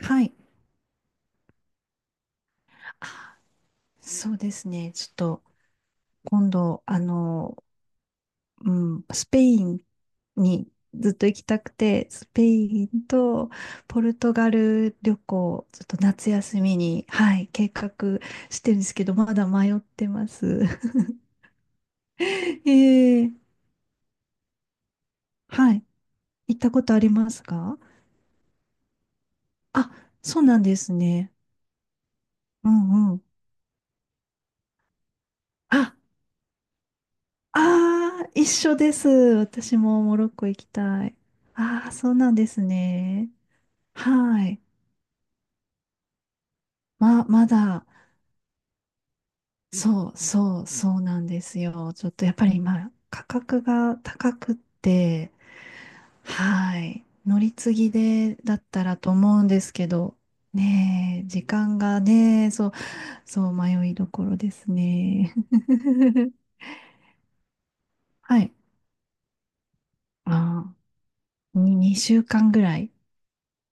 はい。あそうですね。ちょっと、今度、うスペインにずっと行きたくて、スペインとポルトガル旅行、ちょっと夏休みに、はい、計画してるんですけど、まだ迷ってます。ええはい。行ったことありますか？あ、そうなんですね。うんうん。あ、ああ、一緒です。私もモロッコ行きたい。ああ、そうなんですね。はい。まだ、そうそうそうなんですよ。ちょっとやっぱり今、価格が高くって、はい。乗り継ぎでだったらと思うんですけど、ねえ、時間がね、そう、そう迷いどころですね。はい。まあー、に2週間ぐらい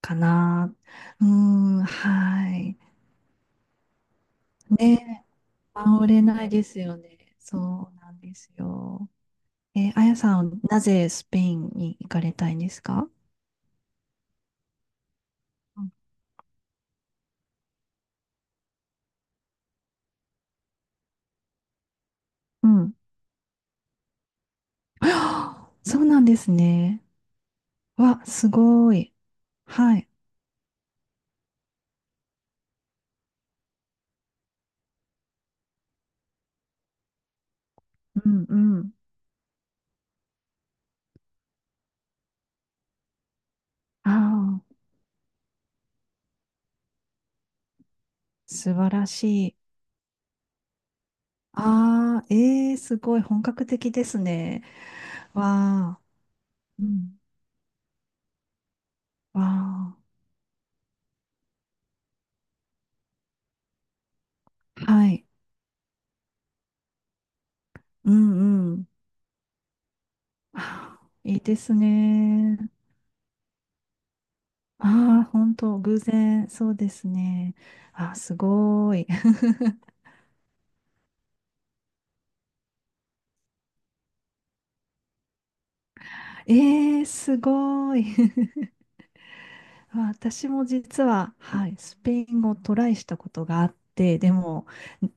かな。うーん、はい。ねえ、回れないですよね。そうなんですよ。あやさん、なぜスペインに行かれたいんですか？うんうん。はあそうなんですね。わ、すごい。はい。うんうん。ああ、素晴らしい。ああ、ええー、すごい本格的ですね。わあうんわあ、はい。うんうん。ああいいですね。ああ、本当、偶然、そうですね。ああ、すごい。ええー、すごい。まあ私も実は、はい、スペイン語をトライしたことがあって、でも、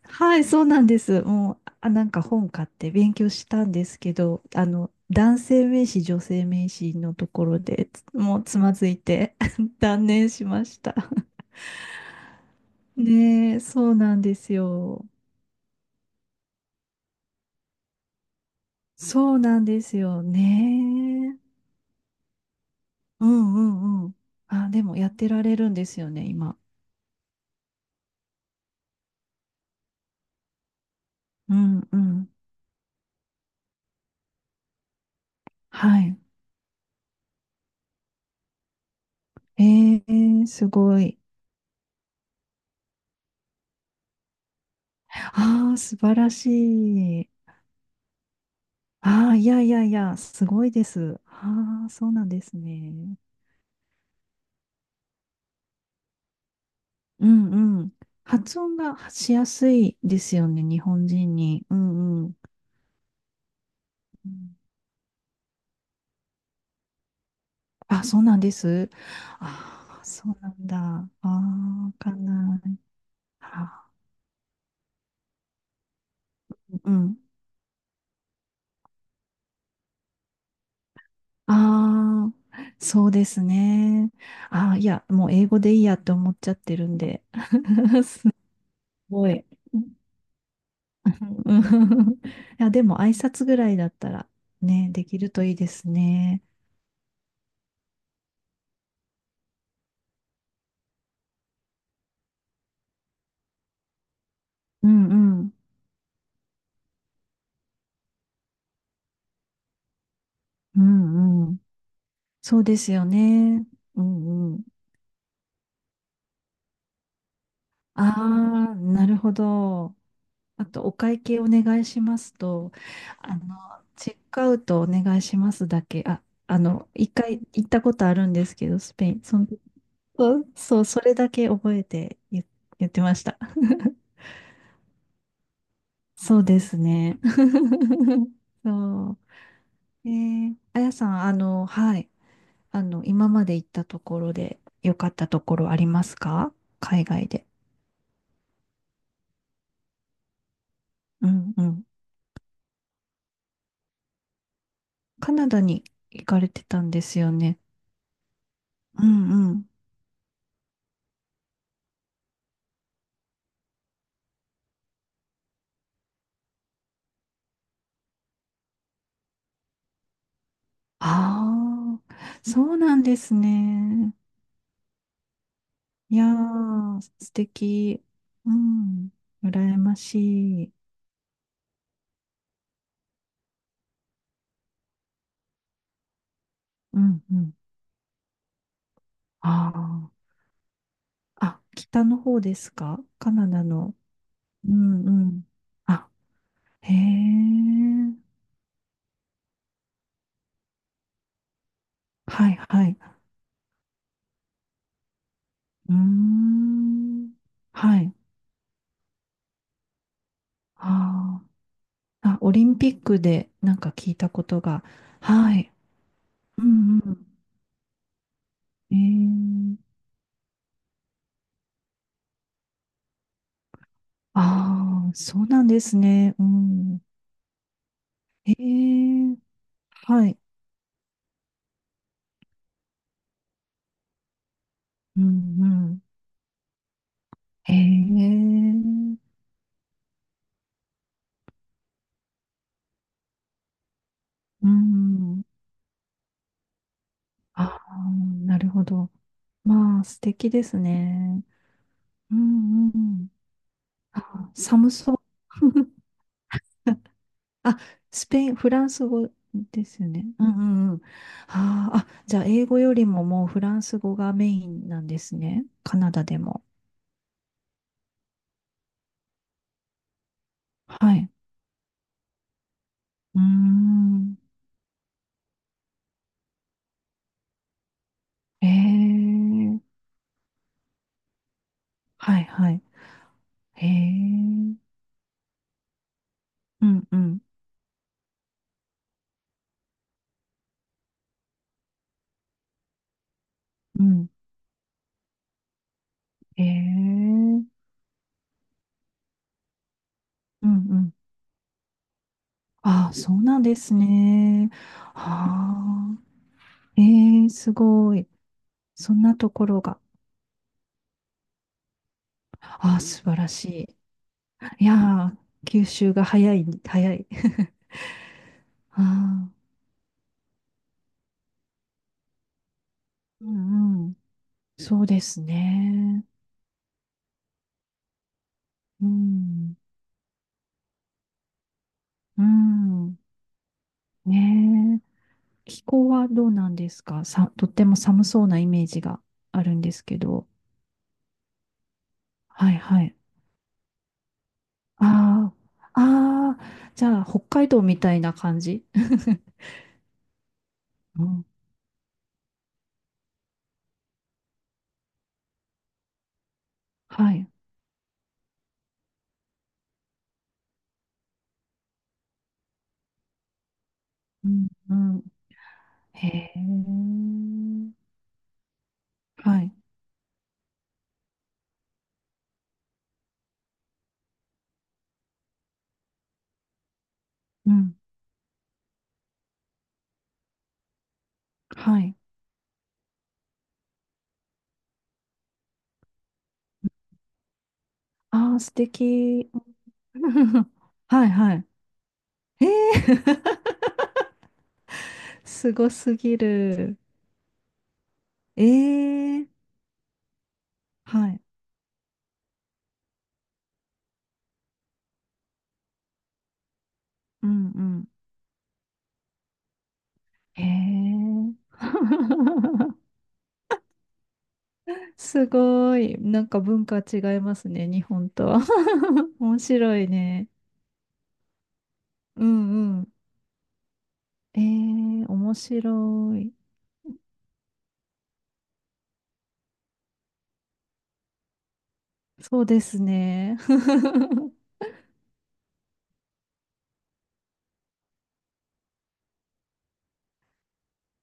はい、そうなんです。もう、あ、なんか本買って勉強したんですけど、男性名詞、女性名詞のところでつもうつまずいて 断念しました。ねえ、そうなんですよ。そうなんですよね。うんうんうん。あ、でもやってられるんですよね、今。うんうん。はい。えすごい。ああ、素晴らしい。ああ、いやいやいや、すごいです。ああ、そうなんですね。うんうん。発音がしやすいですよね、日本人に。うんうん。うんあ、そうなんです。ああ、そうなんだ。ああ、わかんない。あー、うん。ああ、そうですね。ああ、いや、もう英語でいいやって思っちゃってるんで。すごい。うん いや、でも挨拶ぐらいだったらね、できるといいですね。うんうん。うんうん。そうですよね。うんうん。ああ、なるほど。あと、お会計お願いしますと、あの、チェックアウトお願いしますだけ、あ、一回行ったことあるんですけど、スペイン。そう、そうそれだけ覚えて言ってました。そうですね。そう。あやさん、はい。今まで行ったところで良かったところありますか？海外で。うんうん。カナダに行かれてたんですよね。うんうん。ああ、そうなんですね。いやー、素敵。うん。羨ましい。うんうん。ああ。あ、北の方ですかカナダの？うんうん。あ、へえ。はいはい。うーん。はい。あーあ、オリンピックでなんか聞いたことが。はい。うんうん。ええ。ああ、そうなんですね。うん。ええ。はい。うんうん。ええ。うん。ああ、なるほど。まあ、素敵ですね。うんうん。あー、寒そう。あ、スペイン、フランス語ですよね。うんうんうん。あーあ、じゃあ、英語よりももうフランス語がメインなんですね。カナダでも。はい。うーん。ええはいはい。ええうんうんうん。ええうんうん。ああ、そうなんですね。ああ、ええすごい。そんなところが。ああ、素晴らしい。いやー、吸収が早い、早い。ああ、うんうん。そうですね。うん。うん。ねえ。気候はどうなんですかさ、とっても寒そうなイメージがあるんですけど。はいはい。ああ、ああ、じゃあ、北海道みたいな感じ。うん。はい。うん、うん。へえ。はい。うん。はい。ああ、素敵。はいはい。ええ すごすぎる。ええはい。うんうん。へえ。すごい。なんか文化違いますね、日本とは。面白いね。うんうん。ええ、面白い。そうですね。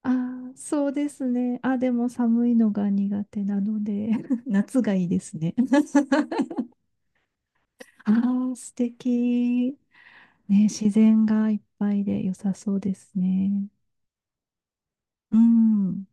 あーそうですね。あ、でも寒いのが苦手なので、夏がいいですね。ああ、素敵。ね、自然がいっぱいで良さそうですね。うん。